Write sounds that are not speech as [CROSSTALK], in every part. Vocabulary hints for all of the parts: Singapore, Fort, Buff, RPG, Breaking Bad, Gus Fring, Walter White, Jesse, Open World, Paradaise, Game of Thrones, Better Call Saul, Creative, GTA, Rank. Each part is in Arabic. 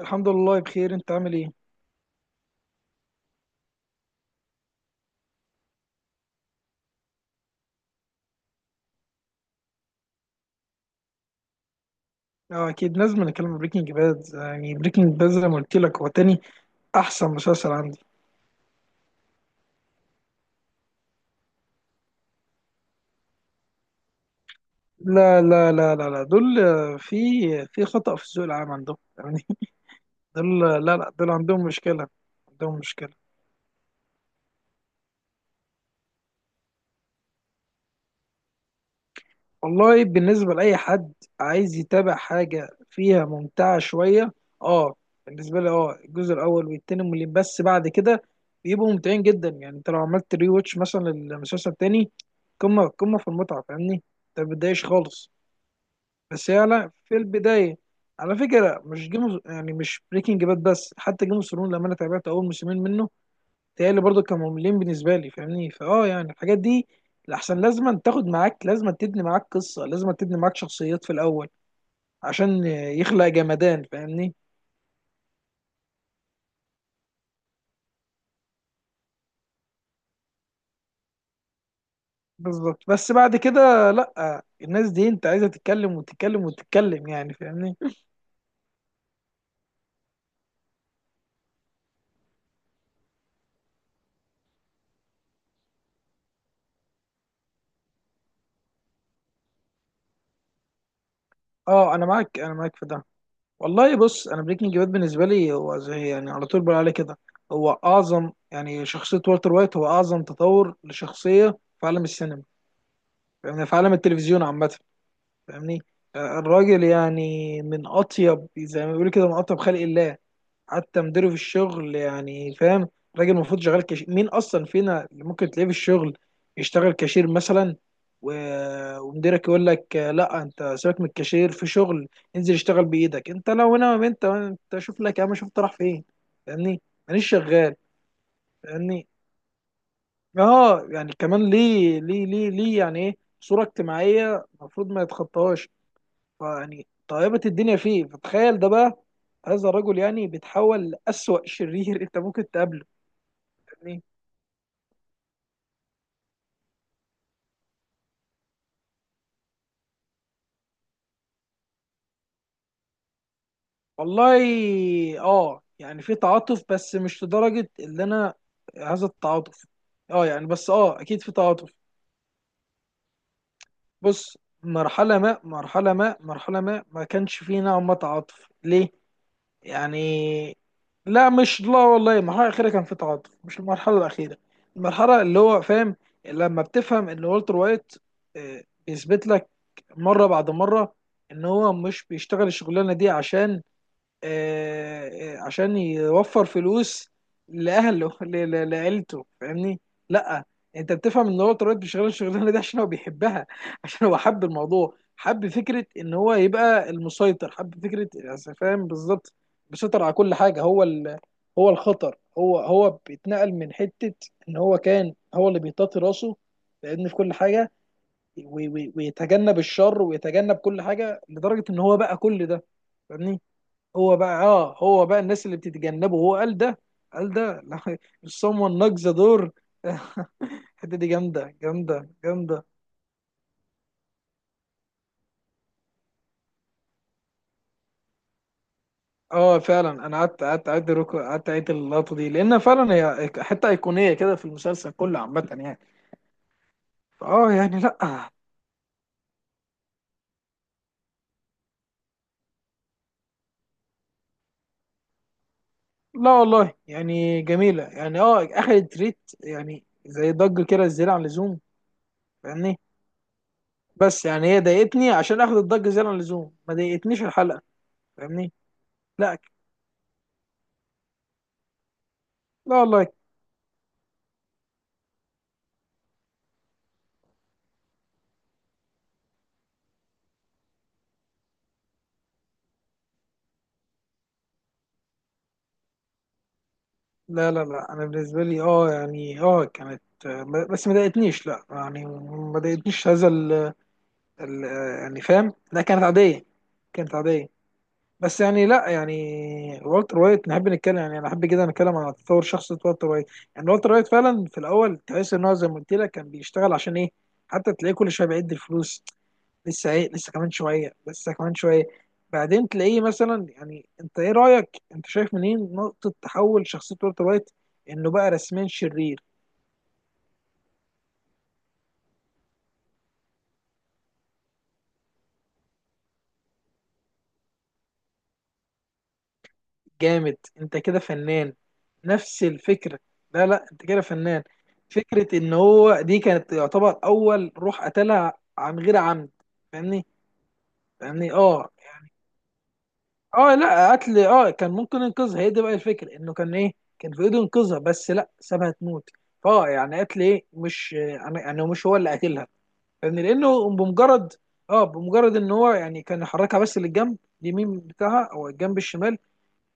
الحمد لله، بخير. انت عامل ايه؟ اه، اكيد لازم نتكلم بريكنج باد. يعني بريكنج باد زي ما قلت لك هو تاني احسن مسلسل عندي. لا لا لا لا لا، دول في خطأ في الذوق العام عندهم يعني. [LAUGHS] دول، لا لا، دول عندهم مشكلة، عندهم مشكلة. والله بالنسبة لأي حد عايز يتابع حاجة فيها ممتعة شوية، اه بالنسبة لي الجزء الأول والتاني مملين، بس بعد كده بيبقوا ممتعين جدا. يعني انت لو عملت ري واتش مثلا للمسلسل التاني، قمة قمة في المتعة، فاهمني؟ انت مبتضايقش خالص. بس هي، لا، في البداية، على فكرة مش جيم، يعني مش بريكنج باد، بس حتى جيم اوف ثرونز لما انا تابعت أول موسمين منه، تهيألي برضو كانوا مملين بالنسبة لي. فاهمني؟ يعني الحاجات دي لأحسن لازم تاخد معاك، لازم تبني معاك قصة، لازم تبني معاك شخصيات في الأول عشان يخلق جمدان. فاهمني. بالظبط. بس بعد كده لأ، الناس دي أنت عايزة تتكلم وتتكلم وتتكلم، يعني فاهمني. اه، أنا معاك، أنا معاك في ده. والله بص، أنا بريكنج باد بالنسبة لي هو زي، يعني على طول بقول عليه كده، هو أعظم يعني شخصية. والتر وايت هو أعظم تطور لشخصية في عالم السينما، يعني في عالم التلفزيون عامة. فاهمني. الراجل يعني من اطيب، زي ما بيقولوا كده، من اطيب خلق الله. حتى مديره في الشغل، يعني فاهم، راجل المفروض شغال كاشير. مين اصلا فينا اللي ممكن تلاقيه في الشغل يشتغل كاشير مثلا؟ ومديرك يقول لك لا انت سيبك من الكاشير، في شغل انزل اشتغل بايدك انت. لو هنا، ما انت شوف لك يا عم، شوف انت رايح فين. فاهمني. مانيش شغال. فاهمني. اه يعني كمان، ليه ليه ليه ليه؟ يعني ايه؟ صورة اجتماعية المفروض ما يتخطاهاش. فيعني طيبت الدنيا فيه، فتخيل ده بقى، هذا الرجل يعني بيتحول لأسوأ شرير. [LAUGHS] انت ممكن تقابله. يعني والله، اه يعني في تعاطف، بس مش لدرجة اللي انا، هذا التعاطف، اه يعني بس، اه اكيد في تعاطف. بص، مرحلة ما ما كانش فيه نوع ما تعاطف ليه؟ يعني لا مش، لا والله، المرحلة الأخيرة كان في تعاطف، مش المرحلة الأخيرة. المرحلة اللي هو فاهم، لما بتفهم إن والتر وايت بيثبت لك مرة بعد مرة إن هو مش بيشتغل الشغلانة دي عشان آه، آه، عشان يوفر فلوس لأهله، لعيلته. فاهمني؟ لأ، أنت بتفهم إن هو اتربط بشغل الشغلانة دي عشان هو بيحبها. [LAUGHS] عشان هو حب الموضوع، حب فكرة إن هو يبقى المسيطر، حب فكرة. أصل فاهم بالظبط. بيسيطر على كل حاجة. هو الخطر، هو بيتنقل من حتة. إن هو كان هو اللي بيطاطي راسه لأن في كل حاجة، ويتجنب الشر ويتجنب كل حاجة، لدرجة إن هو بقى كل ده. فاهمني؟ هو بقى الناس اللي بتتجنبه، هو قال ده، قال ده. [LAUGHS] someone knocks the door. [LAUGHS] الحته دي جامده جامده جامده. اه فعلا انا قعدت اعيد اللقطه دي، لان فعلا هي حته ايقونيه كده في المسلسل كله عامه يعني. اه يعني لا، لا والله، يعني جميله يعني، اه اخدت ريت، يعني زي ضجه كده زياده عن اللزوم. فاهمني. بس يعني هي ضايقتني عشان اخد الضجه زياده عن اللزوم، ما ضايقتنيش الحلقه. فاهمني. لا لا والله، لا لا لا، انا بالنسبه لي اه يعني اه كانت، بس ما ضايقتنيش، لا يعني ما ضايقتنيش هذا ال، يعني فاهم، لا كانت عاديه، كانت عاديه. بس يعني لا، يعني والتر وايت نحب نتكلم، يعني انا احب كده نتكلم عن تطور شخصيه والتر وايت. يعني والتر وايت فعلا في الاول تحس ان هو زي ما قلت لك كان بيشتغل عشان ايه. حتى تلاقيه كل شويه بيعد الفلوس، لسه ايه، لسه كمان شويه، لسه كمان شويه. بعدين تلاقيه مثلا. يعني انت ايه رايك، انت شايف منين نقطه تحول شخصيه والتر وايت انه بقى رسميا شرير؟ جامد! انت كده فنان. نفس الفكرة. لا لا، انت كده فنان. فكرة ان هو دي كانت يعتبر اول روح قتلها، عن غير عمد. فاهمني. فاهمني اه يعني، اه لا قتل، اه كان ممكن ينقذها. هي دي بقى الفكرة، انه كان ايه؟ كان في ايده ينقذها، بس لا سابها تموت. يعني قتل ايه، مش يعني مش هو اللي قتلها. فاهمني. لانه بمجرد، اه بمجرد ان هو يعني كان يحركها بس للجنب، اليمين بتاعها او الجنب الشمال.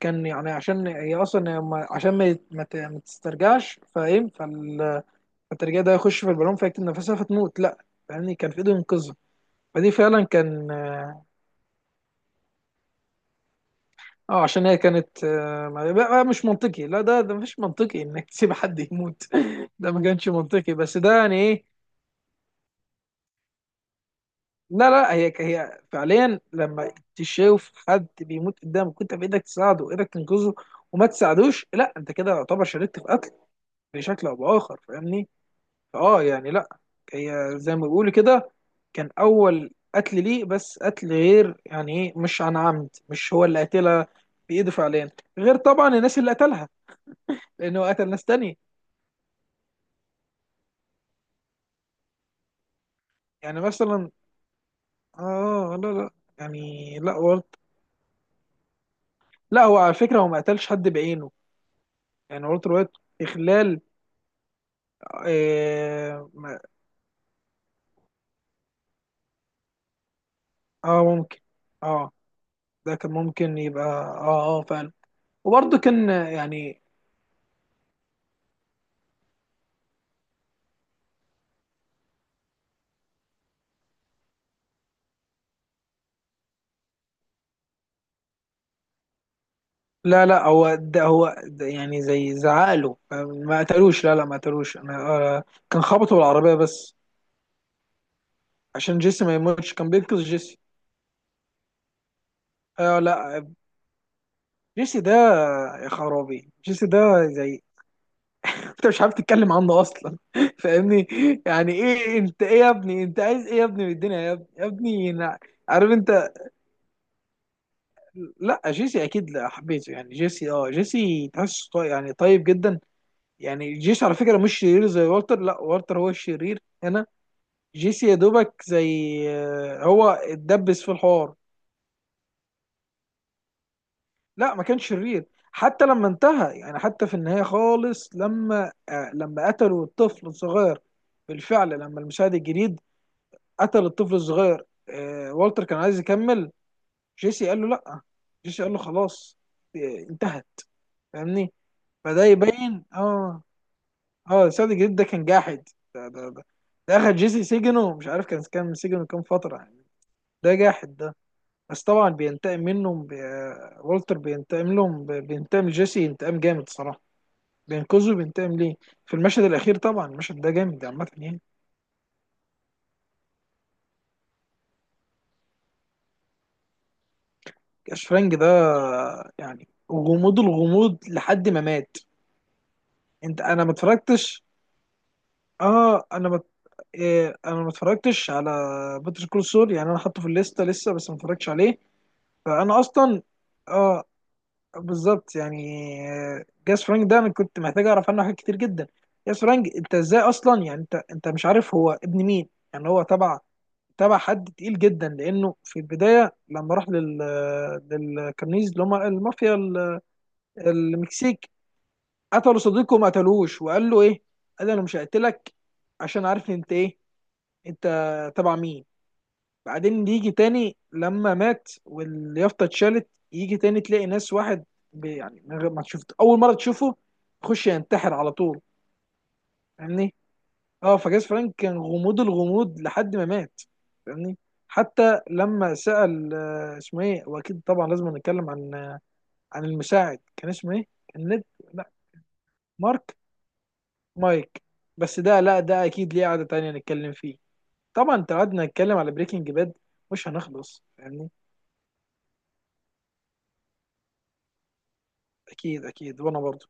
كان يعني عشان هي اصلا ما- عشان ما يت- ما ت- ما تسترجعش، فاهم، فالترجيع ده يخش في البالون فيكتم نفسها فتموت، لا. يعني كان في ايده ينقذها. فدي فعلا كان، عشان هي كانت، بقى مش منطقي. لا، ده مش منطقي انك تسيب حد يموت. [LAUGHS] ده ما كانش منطقي، بس ده يعني ايه. لا لا، هي فعليا لما تشوف حد بيموت قدامك كنت بايدك تساعده وايدك تنقذه، وما تساعدوش، لا انت كده يعتبر شاركت في قتل بشكل او باخر. فاهمني. اه يعني لا، هي زي ما بيقولوا كده، كان اول قتل ليه، بس قتل غير يعني ايه، مش عن عمد، مش هو اللي قتلها بايده فعليا. غير طبعا الناس اللي قتلها، لانه قتل ناس تانية. يعني مثلا، اه لا لا، يعني لا، لا هو على فكره هو ما قتلش حد بعينه. يعني والتر وايت في خلال اه, ما- ممكن، اه ده كان ممكن يبقى، فعلا. وبرضه كان يعني، لا لا، هو ده، هو ده، يعني زي زعقله ما قتلوش، لا لا ما قتلوش. انا كان خبطه بالعربيه بس. عشان جيسي ما يموتش، كان بينقذ جيسي. آه لا، جيسي ده، يا خرابي جيسي ده، زي [LAUGHS] انت مش عارف تتكلم عنه اصلا. [LAUGHS] فاهمني. يعني ايه انت، ايه يا ابني، انت عايز ايه يا ابني من الدنيا، يا ابني، يا ابني، عارف انت؟ لا جيسي اكيد لا حبيته. يعني جيسي تحس يعني طيب جدا. يعني جيسي على فكره مش شرير زي والتر، لا والتر هو الشرير هنا. جيسي يا دوبك، زي هو اتدبس في الحوار. لا ما كانش شرير. حتى لما انتهى، يعني حتى في النهاية خالص، لما قتلوا الطفل الصغير. بالفعل لما المساعد الجديد قتل الطفل الصغير، والتر كان عايز يكمل. جيسي قال له لا. جيسي قال له خلاص، آه انتهت. فاهمني. فده يبين اه المساعد الجديد ده كان جاحد. ده ده ده, ده اخد جيسي سجنه، مش عارف كان سجنه كام فترة يعني. ده جاحد ده. بس طبعا والتر بينتقم لجيسي انتقام جامد صراحة. بينقذه، بينتقم ليه في المشهد الأخير. طبعا المشهد ده جامد عامة يعني. أشفرنج ده يعني غموض الغموض لحد ما مات. انت انا ما اتفرجتش، اه انا ما إيه، انا ما اتفرجتش على باتر كول سول. يعني انا حاطه في الليسته لسه، بس ما اتفرجتش عليه. فانا اصلا، اه بالظبط يعني. جاس فرانك ده انا كنت محتاج اعرف عنه حاجات كتير جدا. جاس فرانك، انت ازاي اصلا؟ يعني انت مش عارف هو ابن مين، يعني هو تبع حد تقيل جدا. لانه في البدايه لما راح لل، اللي هم المافيا المكسيك، قتلوا صديقه وما قتلوش. وقال له ايه؟ قال له انا مش هقتلك، عشان عارف إن انت ايه، انت تبع مين. بعدين يجي تاني لما مات واليافطه اتشالت، يجي تاني تلاقي ناس، واحد يعني من غير ما شفت، اول مره تشوفه يخش ينتحر على طول. فاهمني. اه فجاز فرانك كان غموض الغموض لحد ما مات. فاهمني. حتى لما سأل اسمه ايه. واكيد طبعا لازم نتكلم عن المساعد، كان اسمه ايه؟ كان ند، لا، مارك، مايك. بس ده، لا ده اكيد ليه قعدة تانية نتكلم فيه. طبعا انت قعدنا نتكلم على بريكنج باد، مش هنخلص فاهمني. اكيد اكيد، وانا برضه.